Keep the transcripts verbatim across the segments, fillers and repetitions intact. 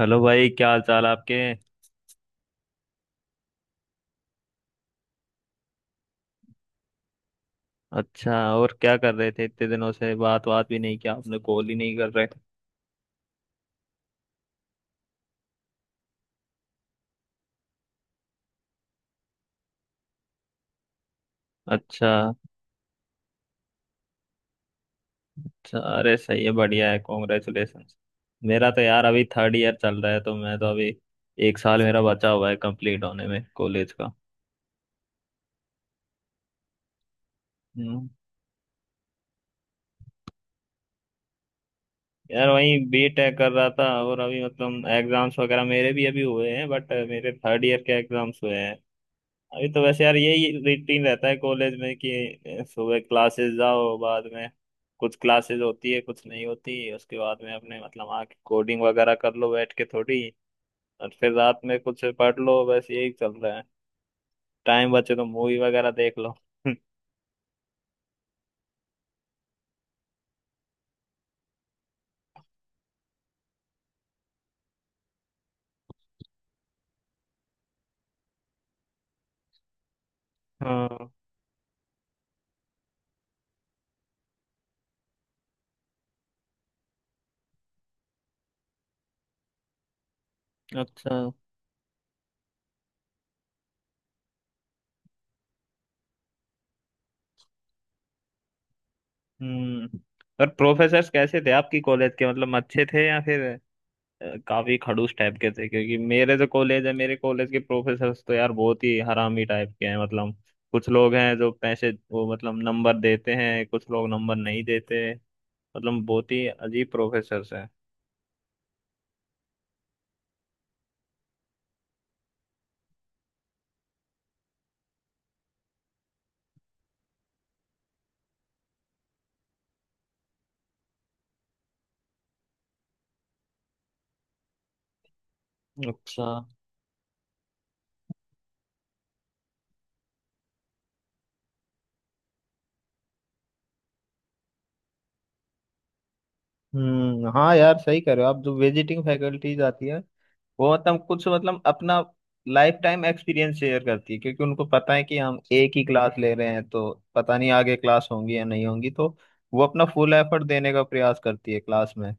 Hello भाई, क्या हाल चाल आपके। अच्छा, और क्या कर रहे थे, इतने दिनों से बात बात भी नहीं किया आपने, कॉल ही नहीं कर रहे। अच्छा। अच्छा, अरे सही है, बढ़िया है, कॉन्ग्रेचुलेशन। मेरा तो यार अभी थर्ड ईयर चल रहा है, तो मैं तो अभी एक साल मेरा बचा हुआ है कंप्लीट होने में कॉलेज का। हम्म। यार वही बी टेक कर रहा था, और अभी मतलब एग्जाम्स वगैरह मेरे भी अभी हुए हैं, बट मेरे थर्ड ईयर के एग्जाम्स हुए हैं। अभी तो वैसे यार यही रूटीन रहता है कॉलेज में कि अ, सुबह क्लासेस जाओ, बाद में कुछ क्लासेस होती है कुछ नहीं होती, उसके बाद में अपने मतलब आके कोडिंग वगैरह कर लो बैठ के थोड़ी। और फिर रात में कुछ पढ़ लो, बस यही चल रहा है। टाइम बचे तो मूवी वगैरह देख लो। हाँ। अच्छा। हम्म। और प्रोफेसर्स कैसे थे आपकी कॉलेज के, मतलब अच्छे थे या फिर काफी खड़ूस टाइप के थे? क्योंकि मेरे जो कॉलेज है, मेरे कॉलेज के प्रोफेसर्स तो यार बहुत ही हरामी टाइप के हैं, मतलब कुछ लोग हैं जो पैसे वो मतलब नंबर देते हैं, कुछ लोग नंबर नहीं देते। मतलब बहुत ही अजीब प्रोफेसर्स हैं। अच्छा। हम्म, हाँ यार सही कह रहे हो आप। जो विजिटिंग फैकल्टीज आती है वो मतलब कुछ मतलब अपना लाइफ टाइम एक्सपीरियंस शेयर करती है, क्योंकि उनको पता है कि हम एक ही क्लास ले रहे हैं, तो पता नहीं आगे क्लास होंगी या नहीं होंगी, तो वो अपना फुल एफर्ट देने का प्रयास करती है क्लास में।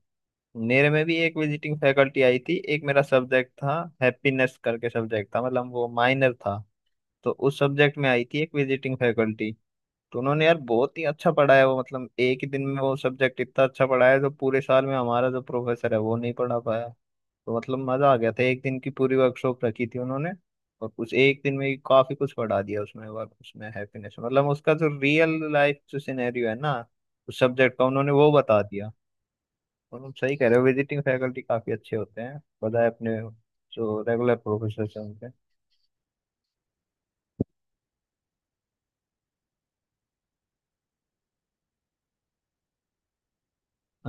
मेरे में भी एक विजिटिंग फैकल्टी आई थी, एक मेरा सब्जेक्ट था हैप्पीनेस करके सब्जेक्ट था, मतलब वो माइनर था। तो उस सब्जेक्ट में आई थी एक विजिटिंग फैकल्टी। तो उन्होंने यार बहुत ही अच्छा पढ़ाया, वो मतलब एक ही दिन में वो सब्जेक्ट इतना अच्छा पढ़ाया जो पूरे साल में हमारा जो प्रोफेसर है वो नहीं पढ़ा पाया। तो मतलब मजा आ गया था, एक दिन की पूरी वर्कशॉप रखी थी उन्होंने। और उस एक दिन में ही काफी कुछ पढ़ा दिया उसमें, वर्क उसमें हैप्पीनेस मतलब उसका जो रियल लाइफ जो सिनेरियो है ना, उस सब्जेक्ट का उन्होंने वो बता दिया। और हम सही कह रहे हो, विजिटिंग फैकल्टी काफी अच्छे होते हैं बजाय अपने जो रेगुलर प्रोफेसर हैं उनके।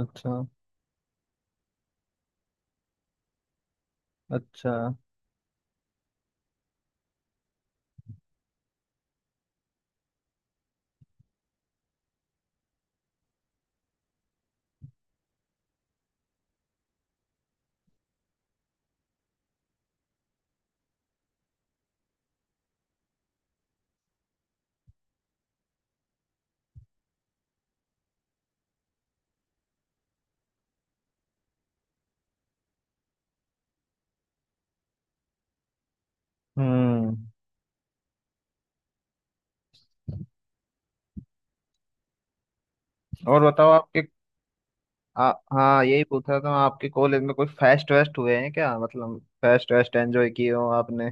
अच्छा। अच्छा। हम्म। और बताओ आपके। आ, हाँ यही पूछ रहा था मैं, आपके कॉलेज में कोई फेस्ट वेस्ट हुए हैं क्या, मतलब फेस्ट वेस्ट एंजॉय किए हो आपने?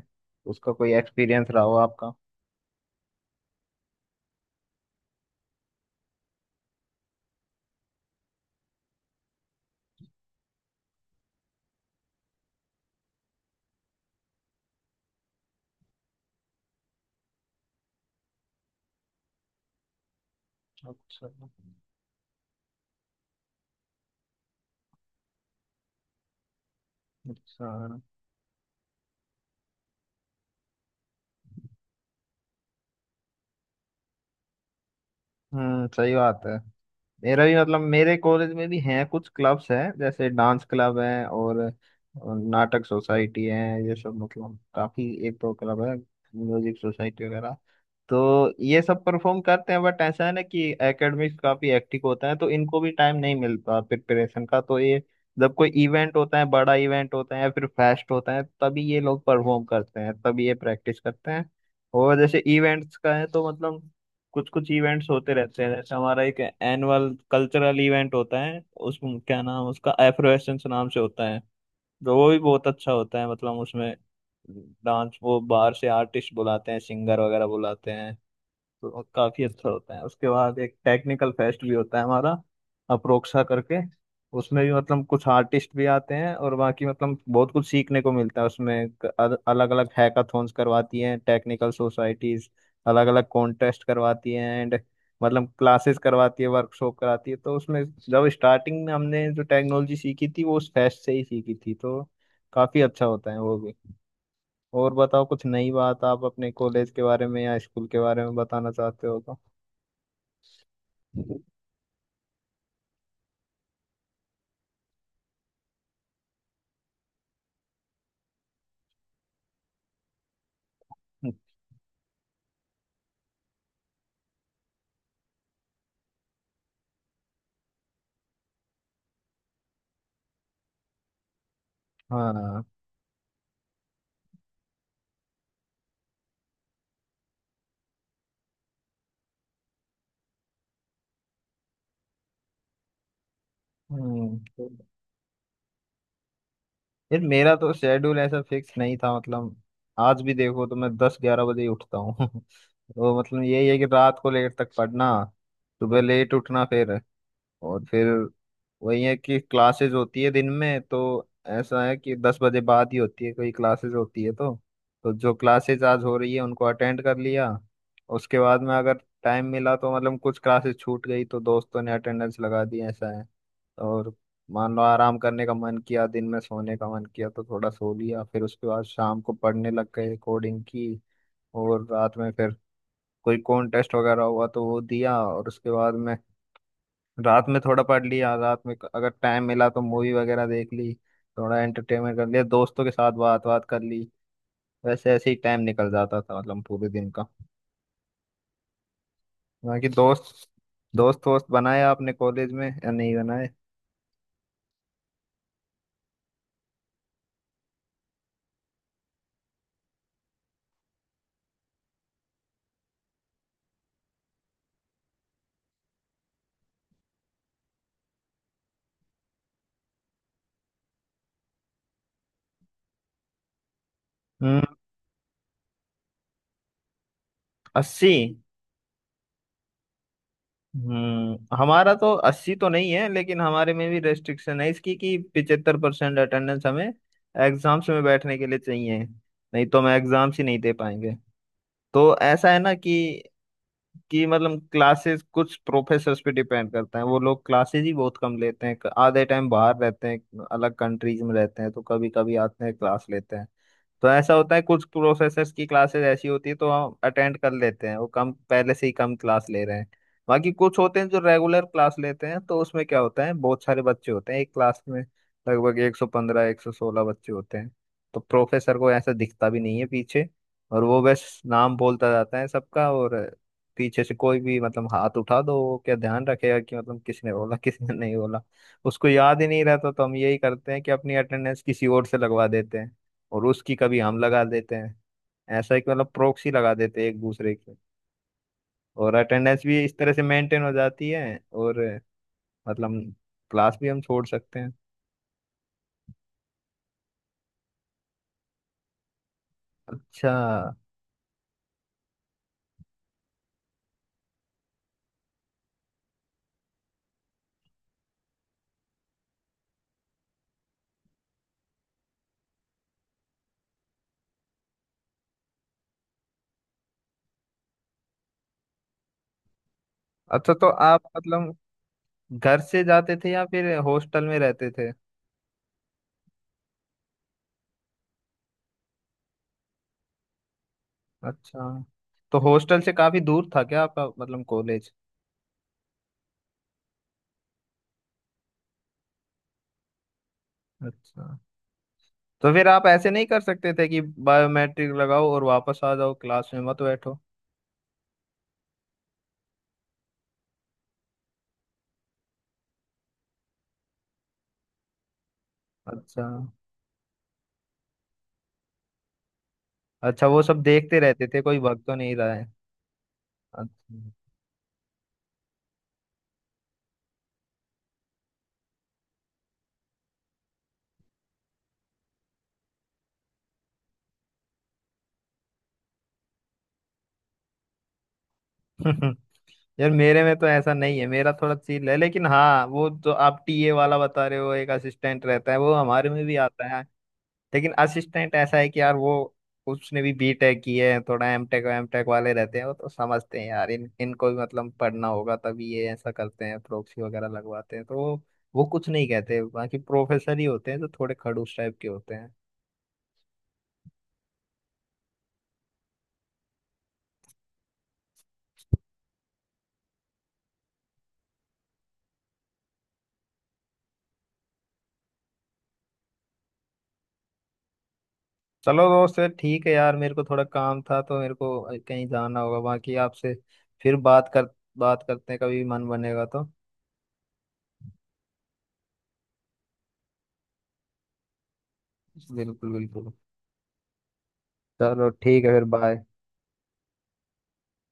उसका कोई एक्सपीरियंस रहा हो आपका? अच्छा। अच्छा। हम्म, सही बात है। मेरा भी मतलब मेरे कॉलेज में भी हैं कुछ क्लब्स हैं, जैसे डांस क्लब है और और नाटक सोसाइटी है, ये सब मतलब काफी एक दो क्लब है, म्यूजिक सोसाइटी वगैरह। तो ये सब परफॉर्म करते हैं, बट ऐसा है ना कि एकेडमिक्स काफी एक्टिव होता है, तो इनको भी टाइम नहीं मिलता प्रिपरेशन का, तो ये जब कोई इवेंट होता है, बड़ा इवेंट होता है या फिर फेस्ट होता है तभी ये लोग परफॉर्म करते हैं, तभी ये प्रैक्टिस करते हैं। और जैसे इवेंट्स का है तो मतलब कुछ कुछ इवेंट्स होते रहते हैं, जैसे हमारा एक एनुअल कल्चरल इवेंट होता है, उस क्या नाम उसका एफ्रोएसेंस नाम से होता है। तो वो भी बहुत अच्छा होता है, मतलब उसमें डांस वो बाहर से आर्टिस्ट बुलाते हैं, सिंगर वगैरह बुलाते हैं, तो काफी अच्छा होता है। उसके बाद एक टेक्निकल फेस्ट भी होता है हमारा, अप्रोक्सा करके। उसमें भी मतलब कुछ आर्टिस्ट भी आते हैं और बाकी मतलब बहुत कुछ सीखने को मिलता है उसमें। अलग अलग हैकाथॉन्स करवाती हैं टेक्निकल सोसाइटीज, अलग अलग कॉन्टेस्ट करवाती हैं एंड मतलब क्लासेस करवाती है, वर्कशॉप कराती है, तो उसमें जब स्टार्टिंग में हमने जो टेक्नोलॉजी सीखी थी वो उस फेस्ट से ही सीखी थी, तो काफी अच्छा होता है वो भी। और बताओ कुछ नई बात आप अपने कॉलेज के बारे में या स्कूल के बारे में बताना चाहते हो तो? हाँ। हम्म। तो यार मेरा तो शेड्यूल ऐसा फिक्स नहीं था, मतलब आज भी देखो तो मैं दस ग्यारह बजे ही उठता हूँ। तो मतलब यही है कि रात को लेट तक पढ़ना, सुबह लेट उठना, फिर और फिर वही है कि क्लासेस होती है दिन में, तो ऐसा है कि दस बजे बाद ही होती है कोई क्लासेस होती है, तो तो जो क्लासेस आज हो रही है उनको अटेंड कर लिया, उसके बाद में अगर टाइम मिला तो मतलब कुछ क्लासेस छूट गई तो दोस्तों ने अटेंडेंस लगा दी, ऐसा है। और मान लो आराम करने का मन किया, दिन में सोने का मन किया तो थोड़ा सो लिया, फिर उसके बाद शाम को पढ़ने लग गए कोडिंग की। और रात में फिर कोई कॉन्टेस्ट वगैरह हुआ तो वो दिया, और उसके बाद में रात में थोड़ा पढ़ लिया, रात में अगर टाइम मिला तो मूवी वगैरह देख ली, थोड़ा एंटरटेनमेंट कर लिया दोस्तों के साथ, बात बात कर ली। वैसे ऐसे ही टाइम निकल जाता था मतलब पूरे दिन का। बाकी दोस्त दोस्त वोस्त बनाए आपने कॉलेज में या नहीं बनाए? हम्म। अस्सी। हम्म, हमारा तो अस्सी तो नहीं है, लेकिन हमारे में भी रेस्ट्रिक्शन है इसकी कि पिचहत्तर परसेंट अटेंडेंस हमें एग्जाम्स में बैठने के लिए चाहिए, नहीं तो हम एग्जाम्स ही नहीं दे पाएंगे। तो ऐसा है ना कि कि मतलब क्लासेस कुछ प्रोफेसर्स पे डिपेंड करता है, वो लोग क्लासेस ही बहुत कम लेते हैं, आधे टाइम बाहर रहते हैं अलग कंट्रीज में रहते हैं, तो कभी कभी आते हैं क्लास लेते हैं। तो ऐसा होता है कुछ प्रोसेसर्स की क्लासेस ऐसी होती है, तो हम अटेंड कर लेते हैं, वो कम पहले से ही कम क्लास ले रहे हैं। बाकी कुछ होते हैं जो रेगुलर क्लास लेते हैं, तो उसमें क्या होता है, बहुत सारे बच्चे होते हैं एक क्लास में, लगभग एक सौ पंद्रह एक सौ सोलह बच्चे होते हैं। तो प्रोफेसर को ऐसा दिखता भी नहीं है पीछे, और वो बस नाम बोलता जाता है सबका, और पीछे से कोई भी मतलब हाथ उठा दो वो क्या ध्यान रखेगा कि मतलब किसने बोला किसने नहीं बोला। उसको याद ही नहीं रहता, तो हम यही करते हैं कि अपनी अटेंडेंस किसी और से लगवा देते हैं, और उसकी कभी हम लगा देते हैं, ऐसा है कि मतलब प्रॉक्सी लगा देते हैं एक दूसरे की। और अटेंडेंस भी इस तरह से मेंटेन हो जाती है, और मतलब क्लास भी हम छोड़ सकते हैं। अच्छा। अच्छा, तो आप मतलब घर से जाते थे या फिर हॉस्टल में रहते थे? अच्छा, तो हॉस्टल से काफी दूर था क्या आपका मतलब कॉलेज? अच्छा, तो फिर आप ऐसे नहीं कर सकते थे कि बायोमेट्रिक लगाओ और वापस आ जाओ, क्लास में मत बैठो? अच्छा। अच्छा, वो सब देखते रहते थे कोई भाग तो नहीं रहा है। अच्छा। यार मेरे में तो ऐसा नहीं है, मेरा थोड़ा चिल है, लेकिन हाँ वो जो आप टी ए वाला बता रहे हो, एक असिस्टेंट रहता है वो हमारे में भी आता है, लेकिन असिस्टेंट ऐसा है कि यार वो उसने भी बी टेक की है, थोड़ा एमटेक एमटेक वाले रहते हैं, वो तो समझते हैं यार इन इनको भी मतलब पढ़ना होगा, तभी ये ऐसा करते हैं प्रोक्सी वगैरह लगवाते हैं। तो वो वो कुछ नहीं कहते, बाकी प्रोफेसर ही होते हैं जो थोड़े खड़ूस टाइप के होते। चलो दोस्त, फिर ठीक है यार, मेरे को थोड़ा काम था तो मेरे को कहीं जाना होगा, बाकी आपसे फिर बात कर बात करते हैं, कभी मन बनेगा तो। बिल्कुल बिल्कुल। चलो ठीक है, फिर बाय।